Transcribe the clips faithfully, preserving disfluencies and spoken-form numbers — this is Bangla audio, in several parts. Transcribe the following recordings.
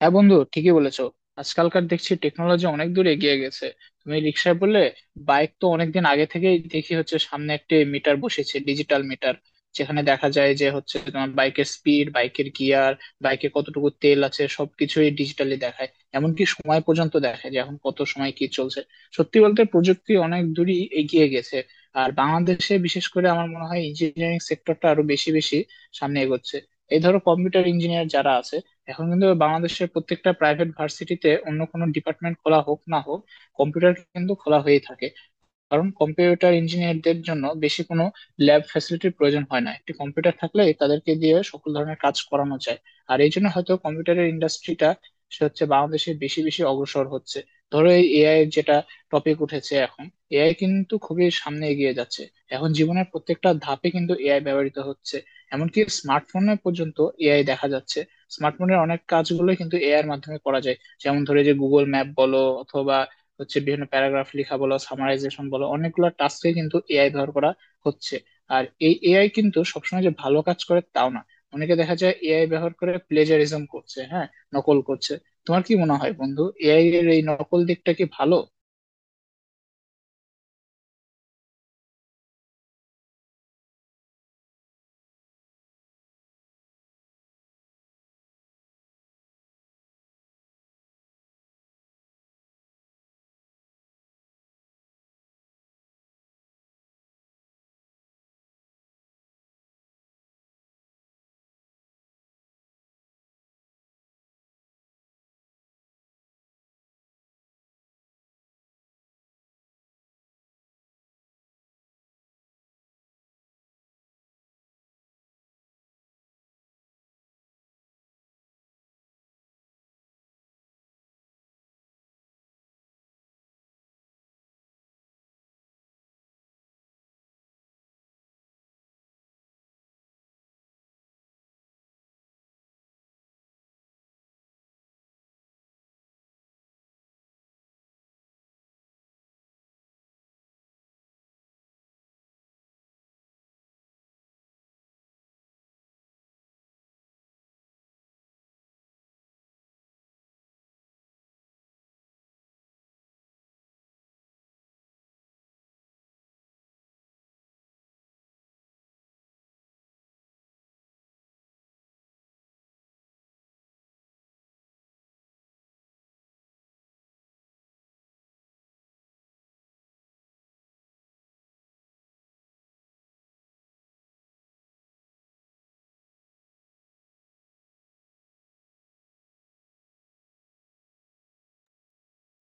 হ্যাঁ বন্ধু, ঠিকই বলেছো। আজকালকার দেখছি টেকনোলজি অনেক দূর এগিয়ে গেছে। তুমি রিক্সায় বললে, বাইক তো অনেকদিন আগে থেকেই দেখি হচ্ছে সামনে একটি মিটার বসেছে, ডিজিটাল মিটার, যেখানে দেখা যায় যে হচ্ছে তোমার বাইকের স্পিড, বাইকের গিয়ার, বাইকে কতটুকু তেল আছে, সবকিছুই ডিজিটালি দেখায়। এমনকি সময় পর্যন্ত দেখায় যে এখন কত সময় কি চলছে। সত্যি বলতে প্রযুক্তি অনেক দূরই এগিয়ে গেছে। আর বাংলাদেশে বিশেষ করে আমার মনে হয় ইঞ্জিনিয়ারিং সেক্টরটা আরো বেশি বেশি সামনে এগোচ্ছে। এই ধরো কম্পিউটার ইঞ্জিনিয়ার যারা আছে, এখন কিন্তু বাংলাদেশের প্রত্যেকটা প্রাইভেট ভার্সিটিতে অন্য কোনো ডিপার্টমেন্ট খোলা হোক না হোক, কম্পিউটার কিন্তু খোলা হয়েই থাকে। কারণ কম্পিউটার ইঞ্জিনিয়ারদের জন্য বেশি কোনো ল্যাব ফ্যাসিলিটির প্রয়োজন হয় না, একটি কম্পিউটার থাকলে তাদেরকে দিয়ে সকল ধরনের কাজ করানো যায়। আর এই জন্য হয়তো কম্পিউটারের ইন্ডাস্ট্রিটা সে হচ্ছে বাংলাদেশে বেশি বেশি অগ্রসর হচ্ছে। ধরো এই এআই, যেটা টপিক উঠেছে এখন, এআই কিন্তু খুবই সামনে এগিয়ে যাচ্ছে। এখন জীবনের প্রত্যেকটা ধাপে কিন্তু এআই ব্যবহৃত হচ্ছে। এমনকি স্মার্টফোনে পর্যন্ত এআই দেখা যাচ্ছে। স্মার্টফোনের অনেক কাজগুলো কিন্তু এআই এর মাধ্যমে করা যায়। যেমন ধরে যে গুগল ম্যাপ বলো, অথবা হচ্ছে বিভিন্ন প্যারাগ্রাফ লেখা বলো, সামারাইজেশন বলো, অনেকগুলো টাস্কে কিন্তু এআই ব্যবহার করা হচ্ছে। আর এই এআই কিন্তু সবসময় যে ভালো কাজ করে তাও না। অনেকে দেখা যায় এআই ব্যবহার করে প্লেজারিজম করছে, হ্যাঁ, নকল করছে। তোমার কি মনে হয় বন্ধু, এআই এর এই নকল দিকটা কি ভালো?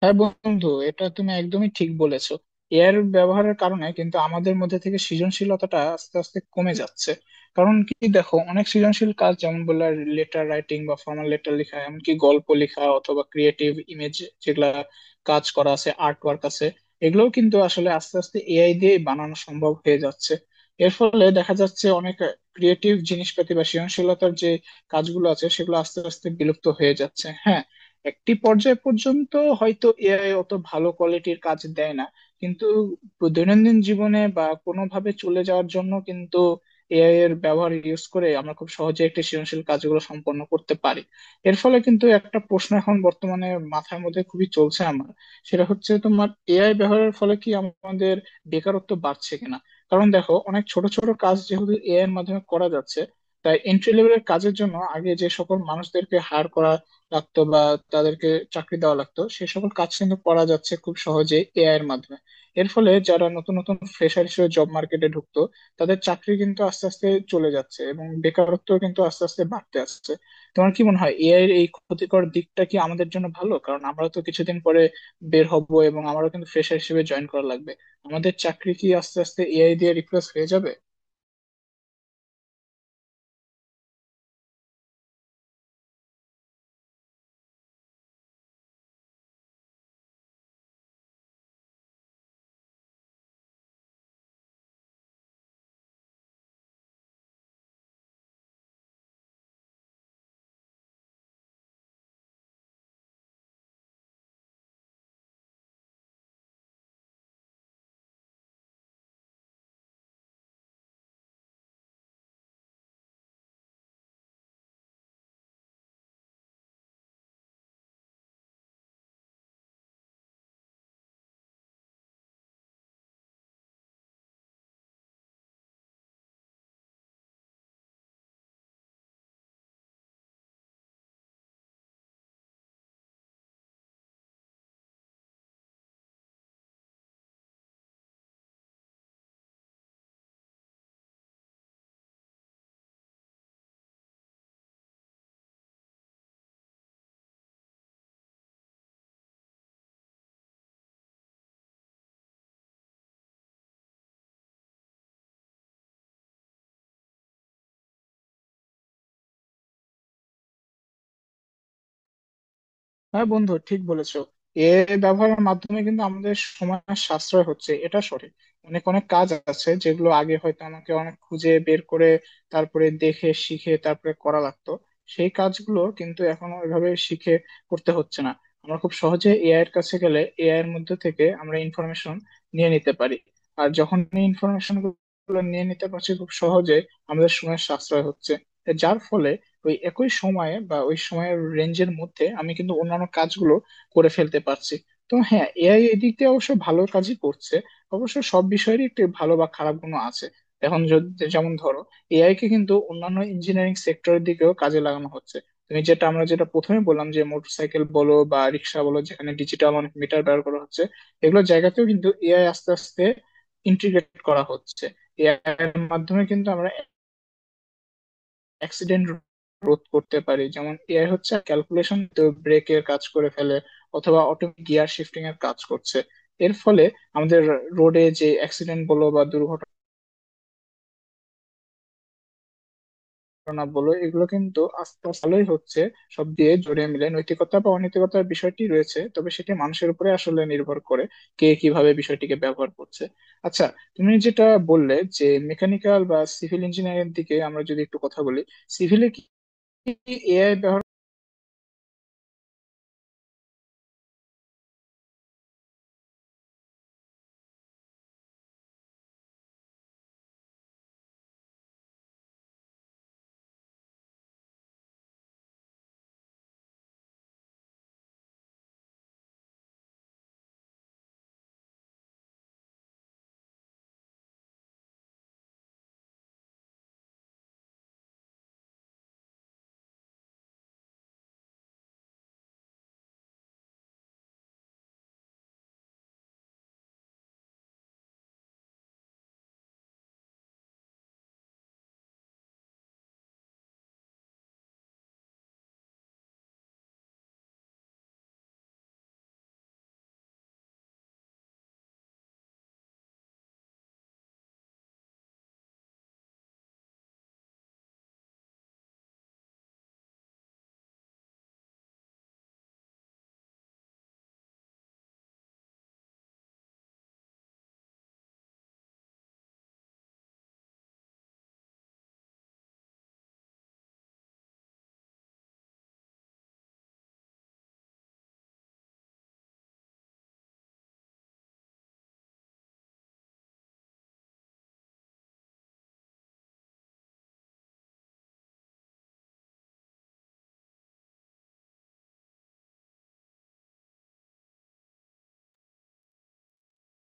হ্যাঁ বন্ধু, এটা তুমি একদমই ঠিক বলেছো। এআই এর ব্যবহারের কারণে কিন্তু আমাদের মধ্যে থেকে সৃজনশীলতাটা আস্তে আস্তে কমে যাচ্ছে। কারণ কি দেখো, অনেক সৃজনশীল কাজ, যেমন বললা, লেটার রাইটিং বা ফর্মাল লেটার লেখা, এমনকি গল্প লেখা অথবা ক্রিয়েটিভ ইমেজ, যেগুলা কাজ করা আছে, আর্ট ওয়ার্ক আছে, এগুলোও কিন্তু আসলে আস্তে আস্তে এআই দিয়ে বানানো সম্ভব হয়ে যাচ্ছে। এর ফলে দেখা যাচ্ছে অনেক ক্রিয়েটিভ জিনিসপাতি বা সৃজনশীলতার যে কাজগুলো আছে সেগুলো আস্তে আস্তে বিলুপ্ত হয়ে যাচ্ছে, হ্যাঁ। একটি পর্যায় পর্যন্ত হয়তো এআই অত ভালো কোয়ালিটির কাজ দেয় না, কিন্তু দৈনন্দিন জীবনে বা কোনোভাবে চলে যাওয়ার জন্য কিন্তু এআই এর ব্যবহার ইউজ করে আমরা খুব সহজে একটি সৃজনশীল কাজগুলো সম্পন্ন করতে পারি। এর ফলে কিন্তু একটা প্রশ্ন এখন বর্তমানে মাথার মধ্যে খুবই চলছে আমার। সেটা হচ্ছে তোমার, এআই ব্যবহারের ফলে কি আমাদের বেকারত্ব বাড়ছে কিনা। কারণ দেখো, অনেক ছোট ছোট কাজ যেহেতু এআই এর মাধ্যমে করা যাচ্ছে, তাই এন্ট্রি লেভেলের কাজের জন্য আগে যে সকল মানুষদেরকে হায়ার করা রাখতো, বা তাদেরকে চাকরি দেওয়া লাগতো, সে সকল কাজ কিন্তু করা যাচ্ছে খুব সহজে এআই এর মাধ্যমে। এর ফলে যারা নতুন নতুন ফ্রেশার হিসেবে জব মার্কেটে ঢুকতো, তাদের চাকরি কিন্তু আস্তে আস্তে চলে যাচ্ছে এবং বেকারত্ব কিন্তু আস্তে আস্তে বাড়তে আসছে। তোমার কি মনে হয় এআই এর এই ক্ষতিকর দিকটা কি আমাদের জন্য ভালো? কারণ আমরা তো কিছুদিন পরে বের হব এবং আমারও কিন্তু ফ্রেশার হিসেবে জয়েন করা লাগবে। আমাদের চাকরি কি আস্তে আস্তে এআই দিয়ে রিপ্লেস হয়ে যাবে? হ্যাঁ বন্ধু, ঠিক বলেছো। এ ব্যবহারের মাধ্যমে কিন্তু আমাদের সময় সাশ্রয় হচ্ছে, এটা সঠিক। অনেক অনেক কাজ আছে যেগুলো আগে হয়তো আমাকে অনেক খুঁজে বের করে তারপরে দেখে শিখে তারপরে করা লাগতো, সেই কাজগুলো কিন্তু এখন ওইভাবে শিখে করতে হচ্ছে না। আমরা খুব সহজে এআই এর কাছে গেলে এআই এর মধ্যে থেকে আমরা ইনফরমেশন নিয়ে নিতে পারি। আর যখন এই ইনফরমেশন গুলো নিয়ে নিতে পারছি খুব সহজে, আমাদের সময় সাশ্রয় হচ্ছে। যার ফলে ওই একই সময়ে বা ওই সময়ের রেঞ্জের মধ্যে আমি কিন্তু অন্যান্য কাজগুলো করে ফেলতে পারছি। তো হ্যাঁ, এআই এদিক দিয়ে অবশ্য ভালো কাজই করছে। অবশ্য সব বিষয়েরই একটি ভালো বা খারাপ গুণও আছে। এখন যদি যেমন ধরো, এআই কে কিন্তু অন্যান্য ইঞ্জিনিয়ারিং সেক্টরের দিকেও কাজে লাগানো হচ্ছে। তুমি যেটা আমরা যেটা প্রথমে বললাম, যে মোটরসাইকেল বলো বা রিক্সা বলো, যেখানে ডিজিটাল অনেক মিটার ব্যবহার করা হচ্ছে, এগুলো জায়গাতেও কিন্তু এআই আস্তে আস্তে ইন্টিগ্রেট করা হচ্ছে। এআই এর মাধ্যমে কিন্তু আমরা অ্যাক্সিডেন্ট রোধ করতে পারি। যেমন এআই হচ্ছে ক্যালকুলেশন তো ব্রেকের কাজ করে ফেলে, অথবা অটোমেটিক গিয়ার শিফটিং এর কাজ করছে। এর ফলে আমাদের রোডে যে অ্যাক্সিডেন্ট বলো বা দুর্ঘটনা বলো, এগুলো কিন্তু আস্তে আস্তে ভালোই হচ্ছে। সব দিয়ে জড়িয়ে মিলে নৈতিকতা বা অনৈতিকতার বিষয়টি রয়েছে, তবে সেটি মানুষের উপরে আসলে নির্ভর করে কে কিভাবে বিষয়টিকে ব্যবহার করছে। আচ্ছা, তুমি যেটা বললে যে মেকানিক্যাল বা সিভিল ইঞ্জিনিয়ারিং দিকে আমরা যদি একটু কথা বলি, সিভিলে কি এআই ব্যবহার?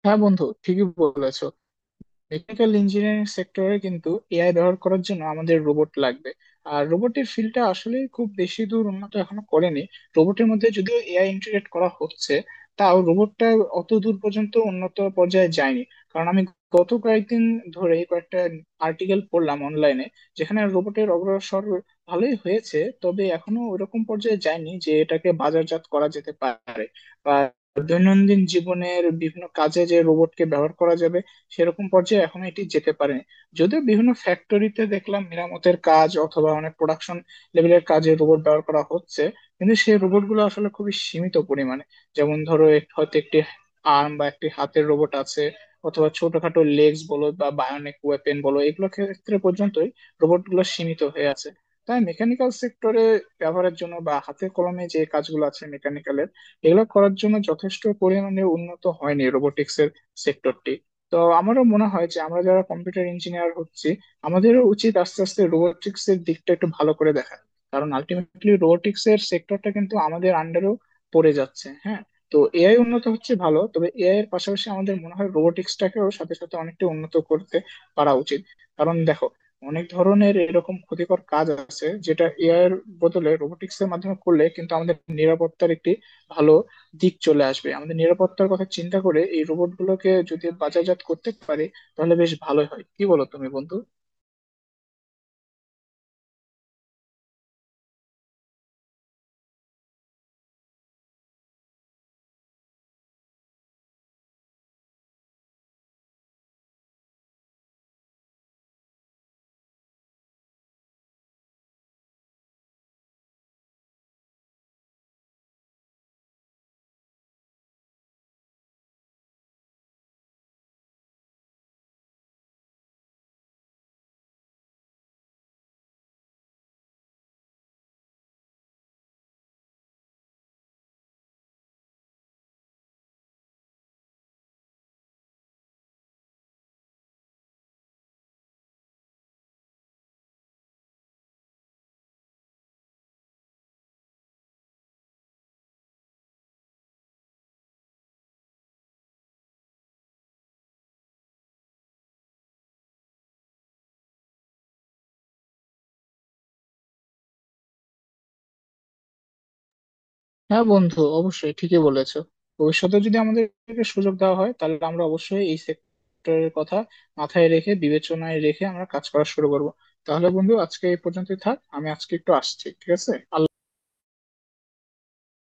হ্যাঁ বন্ধু, ঠিকই বলেছো। টেকনিক্যাল ইঞ্জিনিয়ারিং সেক্টরে কিন্তু এআই ব্যবহার করার জন্য আমাদের রোবট লাগবে। আর রোবটের ফিল্ডটা আসলে খুব বেশি দূর উন্নত এখনো করেনি। রোবটের মধ্যে যদিও এআই ইন্টিগ্রেট করা হচ্ছে, তাও রোবটটা অত দূর পর্যন্ত উন্নত পর্যায়ে যায়নি। কারণ আমি গত কয়েকদিন ধরে কয়েকটা আর্টিকেল পড়লাম অনলাইনে, যেখানে রোবটের অগ্রসর ভালোই হয়েছে, তবে এখনো ওরকম পর্যায়ে যায়নি যে এটাকে বাজারজাত করা যেতে পারে, বা দৈনন্দিন জীবনের বিভিন্ন কাজে যে রোবটকে ব্যবহার করা যাবে সেরকম পর্যায়ে এখন এটি যেতে পারে। যদিও বিভিন্ন ফ্যাক্টরিতে দেখলাম মেরামতের কাজ অথবা অনেক প্রোডাকশন লেভেলের কাজে রোবট ব্যবহার করা হচ্ছে, কিন্তু সেই রোবট গুলো আসলে খুবই সীমিত পরিমাণে। যেমন ধরো এক- হয়তো একটি আর্ম বা একটি হাতের রোবট আছে, অথবা ছোটখাটো লেগস বলো বা বায়োনিক ওয়েপেন বলো, এগুলো ক্ষেত্রে পর্যন্তই রোবট গুলো সীমিত হয়ে আছে। তাই মেকানিক্যাল সেক্টরে ব্যবহারের জন্য বা হাতে কলমে যে কাজগুলো আছে মেকানিক্যালের, এগুলো করার জন্য যথেষ্ট পরিমাণে উন্নত হয়নি রোবোটিক্স এর সেক্টরটি। তো আমারও মনে হয় যে আমরা যারা কম্পিউটার ইঞ্জিনিয়ার হচ্ছি, আমাদেরও উচিত আস্তে আস্তে রোবোটিক্স এর দিকটা একটু ভালো করে দেখা। কারণ আলটিমেটলি রোবোটিক্স এর সেক্টরটা কিন্তু আমাদের আন্ডারেও পড়ে যাচ্ছে, হ্যাঁ। তো এআই উন্নত হচ্ছে ভালো, তবে এআই এর পাশাপাশি আমাদের মনে হয় রোবোটিক্সটাকেও সাথে সাথে অনেকটা উন্নত করতে পারা উচিত। কারণ দেখো, অনেক ধরনের এরকম ক্ষতিকর কাজ আছে যেটা এআই এর বদলে রোবোটিক্স এর মাধ্যমে করলে কিন্তু আমাদের নিরাপত্তার একটি ভালো দিক চলে আসবে। আমাদের নিরাপত্তার কথা চিন্তা করে এই রোবটগুলোকে যদি বাজারজাত করতে পারে তাহলে বেশ ভালোই হয়, কি বলো তুমি বন্ধু? হ্যাঁ বন্ধু, অবশ্যই ঠিকই বলেছো। ভবিষ্যতে যদি আমাদেরকে সুযোগ দেওয়া হয় তাহলে আমরা অবশ্যই এই সেক্টরের কথা মাথায় রেখে, বিবেচনায় রেখে আমরা কাজ করা শুরু করব। তাহলে বন্ধু আজকে এই পর্যন্তই থাক, আমি আজকে একটু আসছি, ঠিক আছে। আল্লাহ।